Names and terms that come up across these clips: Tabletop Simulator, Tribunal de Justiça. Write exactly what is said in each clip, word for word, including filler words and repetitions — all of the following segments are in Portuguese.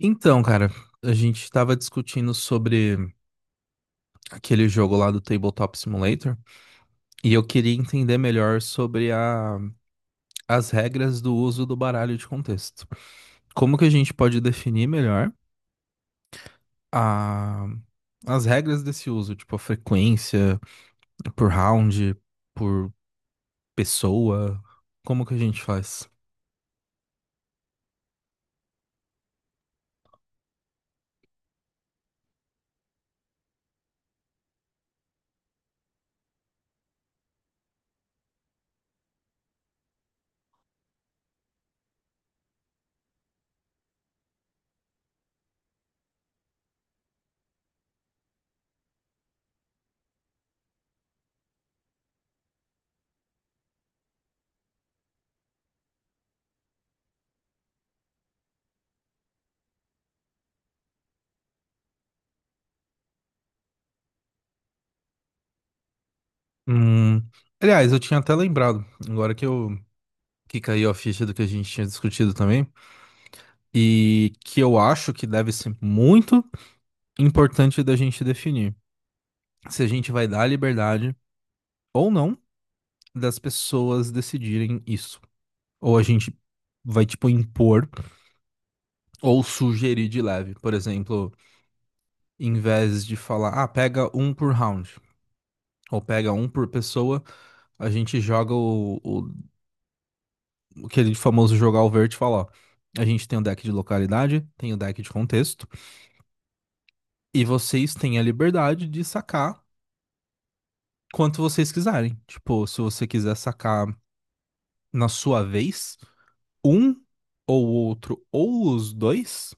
Então, cara, a gente tava discutindo sobre aquele jogo lá do Tabletop Simulator e eu queria entender melhor sobre a- as regras do uso do baralho de contexto. Como que a gente pode definir melhor a- as regras desse uso, tipo a frequência, por round, por pessoa, como que a gente faz? Hum, Aliás, eu tinha até lembrado, agora que eu que caiu a ficha do que a gente tinha discutido também. E que eu acho que deve ser muito importante da gente definir se a gente vai dar a liberdade ou não das pessoas decidirem isso. Ou a gente vai, tipo, impor ou sugerir de leve. Por exemplo, em vez de falar, ah, pega um por round. Ou pega um por pessoa, a gente joga o, o aquele famoso jogar o verde e falar, ó, a gente tem o deck de localidade, tem o deck de contexto, e vocês têm a liberdade de sacar quanto vocês quiserem. Tipo, se você quiser sacar na sua vez, um ou outro, ou os dois,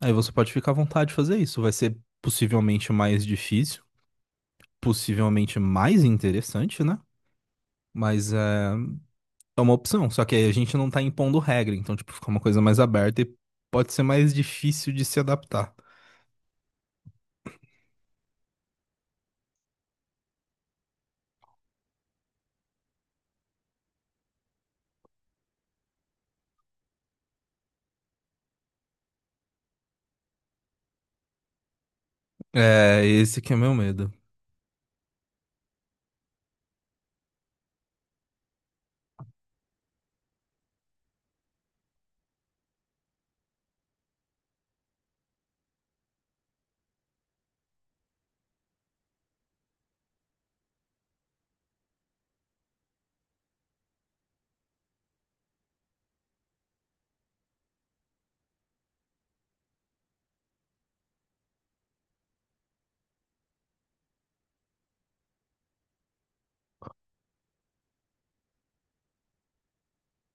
aí você pode ficar à vontade de fazer isso. Vai ser possivelmente mais difícil, possivelmente mais interessante, né? Mas é, é uma opção. Só que aí a gente não tá impondo regra, então, tipo, fica uma coisa mais aberta e pode ser mais difícil de se adaptar. É, esse que é meu medo.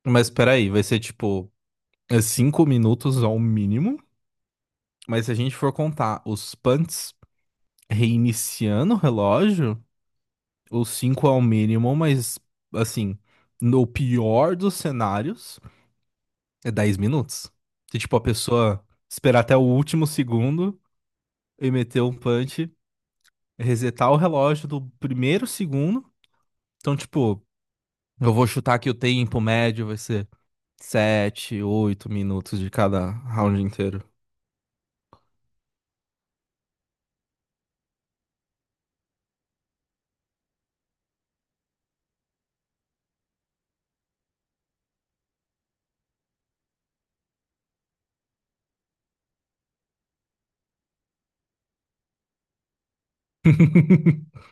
Mas peraí, vai ser tipo é cinco minutos ao mínimo. Mas se a gente for contar os punts reiniciando o relógio, o cinco é o mínimo, mas assim, no pior dos cenários, é dez minutos. Se tipo a pessoa esperar até o último segundo e meter um punch, resetar o relógio do primeiro segundo. Então, tipo, eu vou chutar que o tempo médio vai ser sete, oito minutos de cada round inteiro.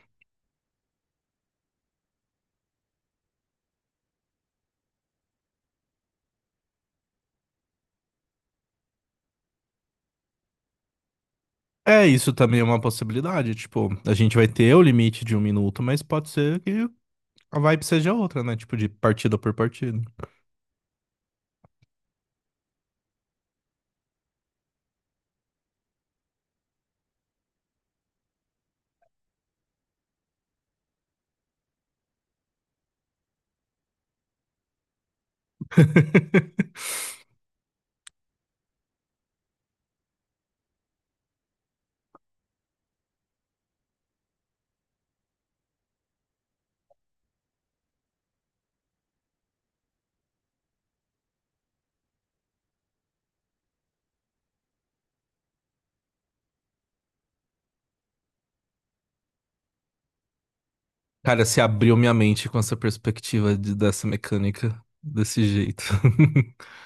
É, isso também é uma possibilidade. Tipo, a gente vai ter o limite de um minuto, mas pode ser que a vibe seja outra, né? Tipo, de partida por partida. Cara, se abriu minha mente com essa perspectiva de- dessa mecânica desse jeito.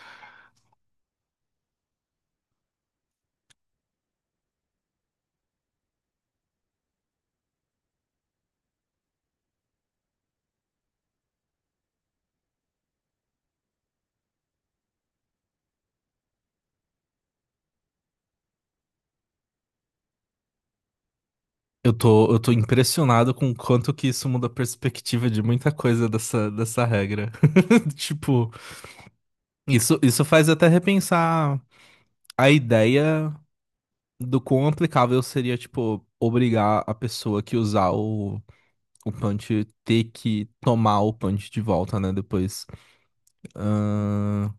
Eu tô, eu tô impressionado com o quanto que isso muda a perspectiva de muita coisa dessa, dessa regra. Tipo, isso, isso faz até repensar a ideia do quão aplicável seria, tipo, obrigar a pessoa que usar o, o punch ter que tomar o punch de volta, né, depois. Ahn,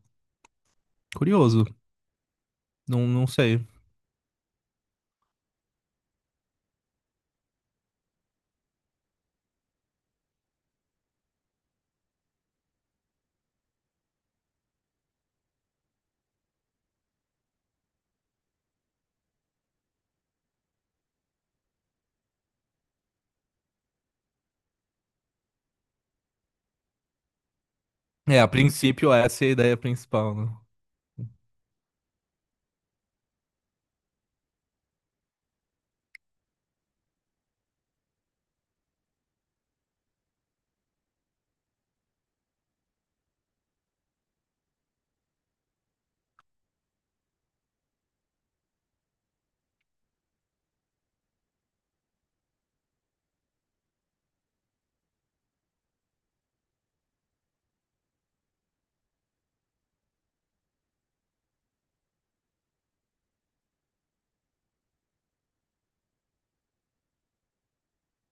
Curioso, não, não sei. É, a princípio essa é a ideia principal, né?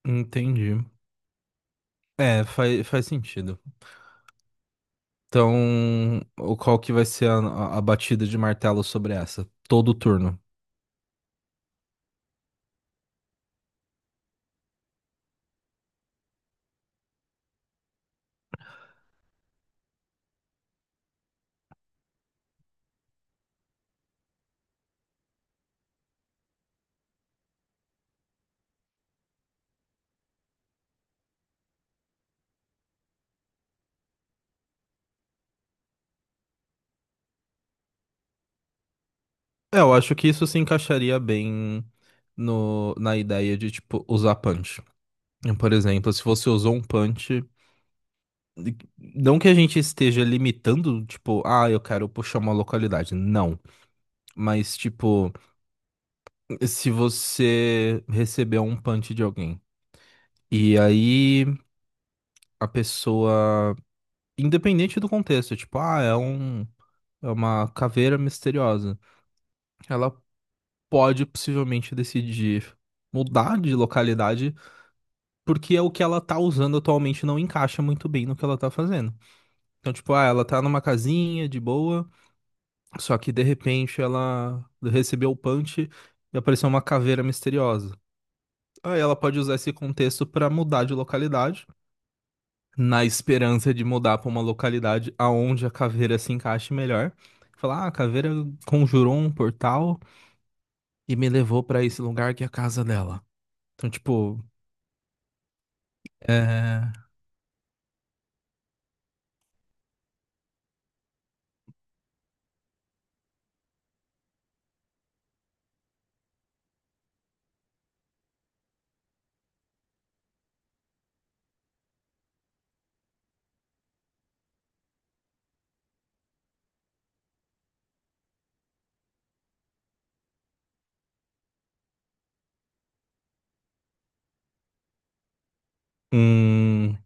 Entendi. É, faz, faz sentido. Então, o- qual que vai ser a, a- a batida de martelo sobre essa? Todo turno. É, eu acho que isso se encaixaria bem no, na ideia de, tipo, usar punch. Por exemplo, se você usou um punch, não que a gente esteja limitando, tipo, ah, eu quero puxar uma localidade. Não. Mas, tipo, se você recebeu um punch de alguém e aí a pessoa, independente do contexto, tipo, ah, é um. É uma caveira misteriosa. Ela pode possivelmente decidir mudar de localidade, porque é o que ela tá usando atualmente não encaixa muito bem no que ela tá fazendo. Então, tipo, ah, ela tá numa casinha de boa, só que de repente ela recebeu o punch e apareceu uma caveira misteriosa. Aí ela pode usar esse contexto pra mudar de localidade, na esperança de mudar pra uma localidade aonde a caveira se encaixe melhor. Falar, ah, a caveira conjurou um portal e me levou pra esse lugar que é a casa dela. Então, tipo, É, hum,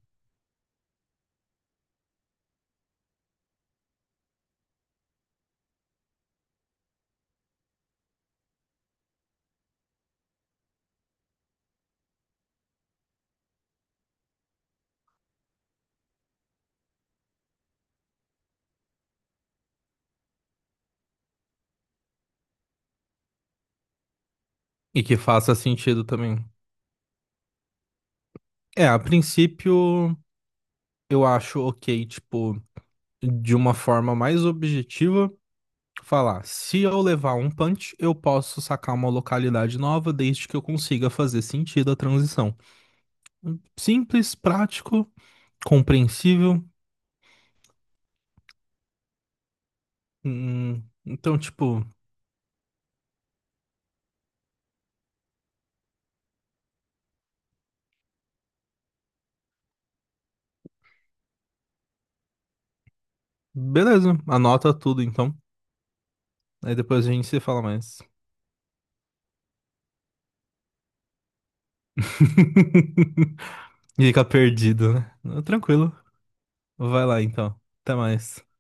e que faça sentido também. É, a princípio, eu acho ok, tipo, de uma forma mais objetiva, falar: se eu levar um punch, eu posso sacar uma localidade nova, desde que eu consiga fazer sentido a transição. Simples, prático, compreensível. Hum, então, tipo, beleza, anota tudo então. Aí depois a gente se fala mais. Fica perdido, né? Tranquilo. Vai lá então. Até mais.